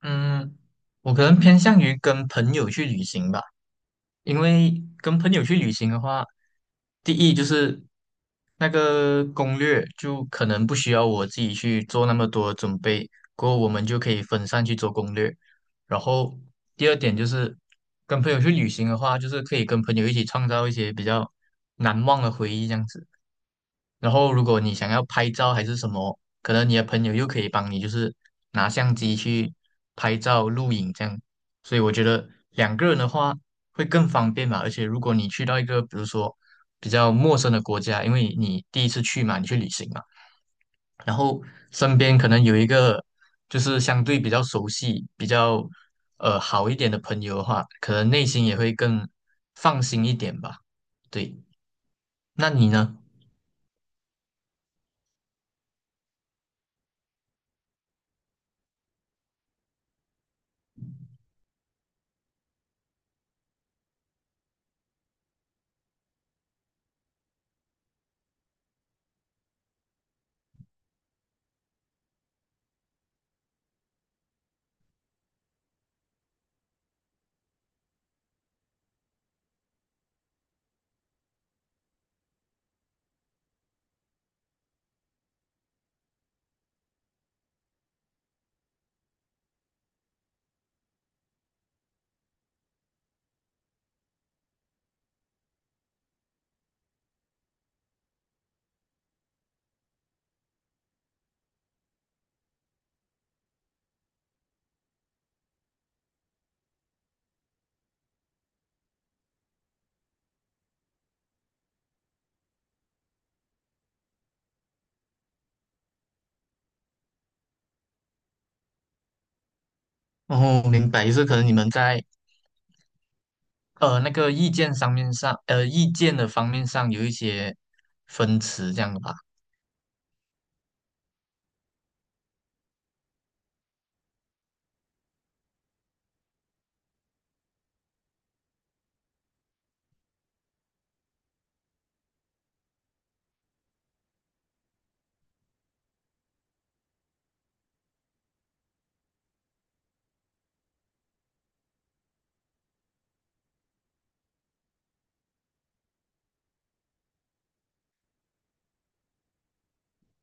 嗯，我可能偏向于跟朋友去旅行吧，因为跟朋友去旅行的话，第一就是那个攻略就可能不需要我自己去做那么多准备，过后我们就可以分散去做攻略。然后第二点就是跟朋友去旅行的话，就是可以跟朋友一起创造一些比较难忘的回忆，这样子。然后如果你想要拍照还是什么，可能你的朋友又可以帮你，就是拿相机去拍照、录影这样。所以我觉得2个人的话会更方便嘛。而且如果你去到一个比如说比较陌生的国家，因为你第一次去嘛，你去旅行嘛，然后身边可能有一个就是相对比较熟悉、比较好一点的朋友的话，可能内心也会更放心一点吧。对，那你呢？哦，明白，就是可能你们在那个意见的方面上有一些分歧，这样的吧。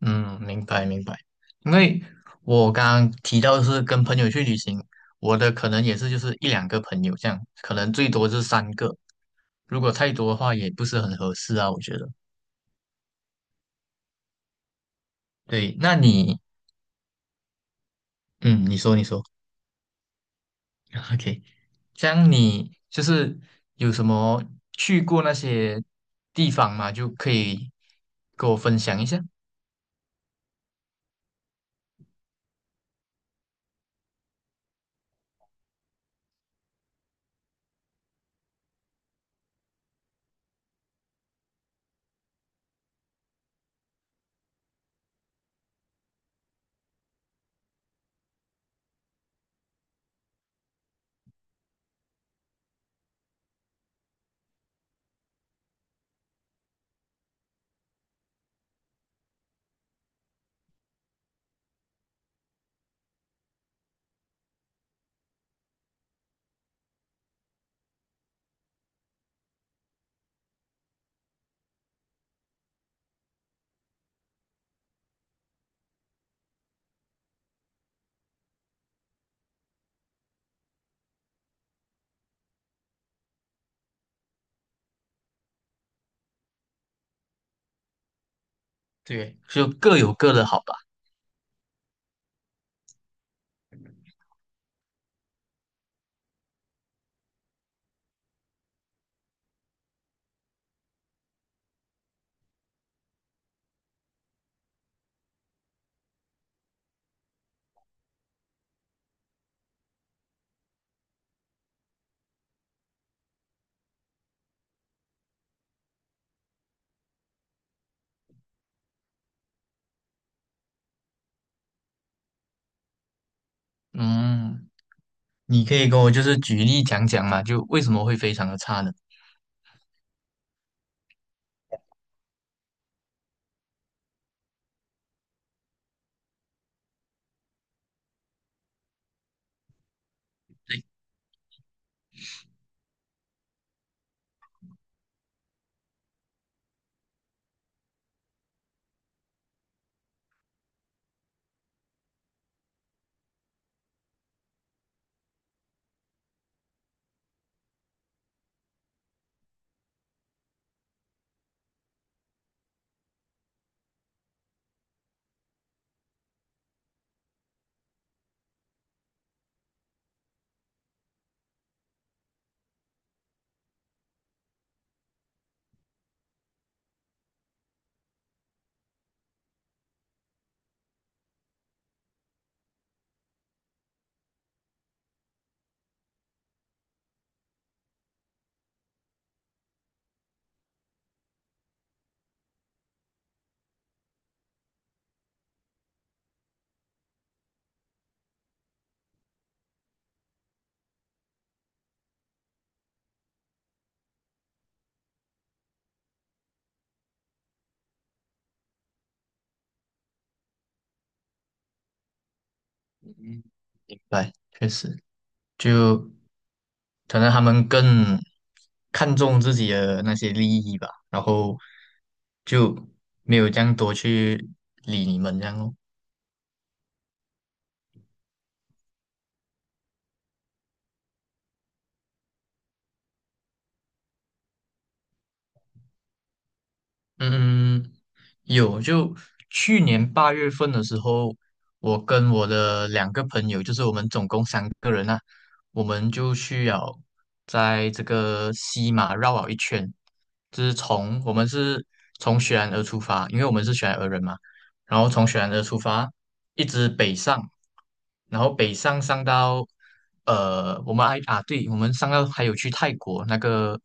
嗯，明白明白。因为我刚刚提到是跟朋友去旅行，我的可能也是就是一两个朋友这样，可能最多是三个。如果太多的话，也不是很合适啊，我觉得。对，那你，嗯，你说 ，OK。这样你就是有什么去过那些地方吗？就可以跟我分享一下。对，就各有各的好吧。嗯，你可以跟我就是举例讲讲嘛，就为什么会非常的差呢？嗯，对，确实，就可能他们更看重自己的那些利益吧，然后就没有这样多去理你们这样哦。嗯，有，就去年8月份的时候，我跟我的两个朋友，就是我们总共3个人啊，我们就需要在这个西马绕了一圈，就是从我们是从雪兰莪出发，因为我们是雪兰莪人嘛，然后从雪兰莪出发，一直北上，然后北上上到我们还啊，对，我们上到还有去泰国那个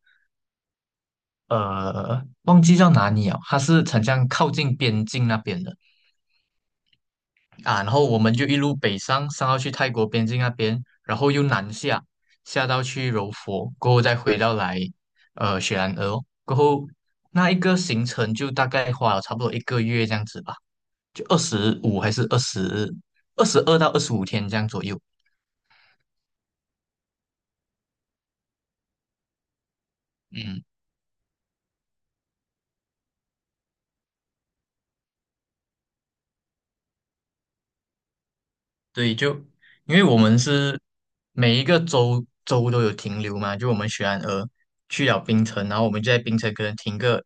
忘记叫哪里了，它是很像靠近边境那边的啊。然后我们就一路北上，上到去泰国边境那边，然后又南下，下到去柔佛，过后再回到来雪兰莪哦，过后那一个行程就大概花了差不多1个月这样子吧，就二十五还是二十二到二十五天这样左右。嗯，对，就因为我们是每一个州都有停留嘛，就我们雪兰莪去了冰城，然后我们就在冰城可能停个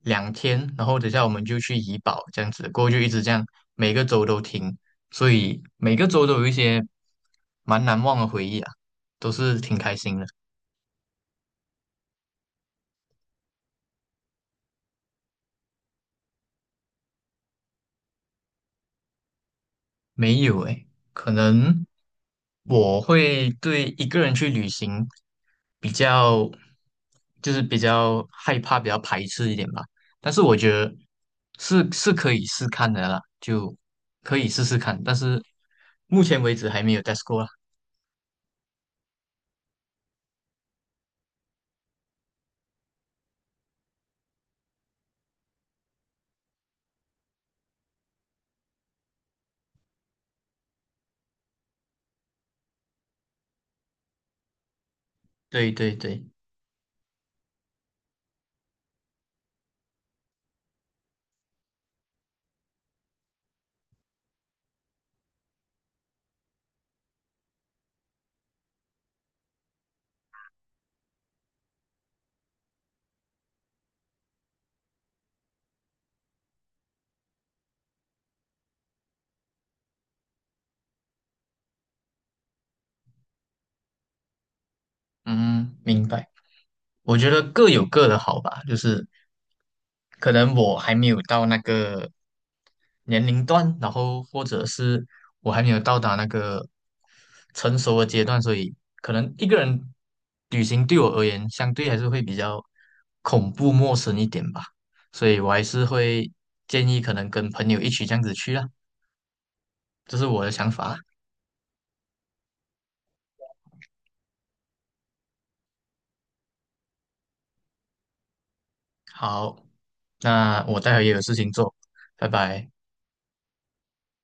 2天，然后等下我们就去怡保这样子，过后就一直这样，每个州都停，所以每个州都有一些蛮难忘的回忆啊，都是挺开心的。没有诶，可能我会对一个人去旅行比较，就是比较害怕、比较排斥一点吧。但是我觉得是可以试看的啦，就可以试试看。但是目前为止还没有 test 过啦。对对对，嗯，明白。我觉得各有各的好吧，就是可能我还没有到那个年龄段，然后或者是我还没有到达那个成熟的阶段，所以可能一个人旅行对我而言，相对还是会比较恐怖陌生一点吧。所以我还是会建议可能跟朋友一起这样子去啦，这是我的想法。好，那我待会也有事情做，拜拜。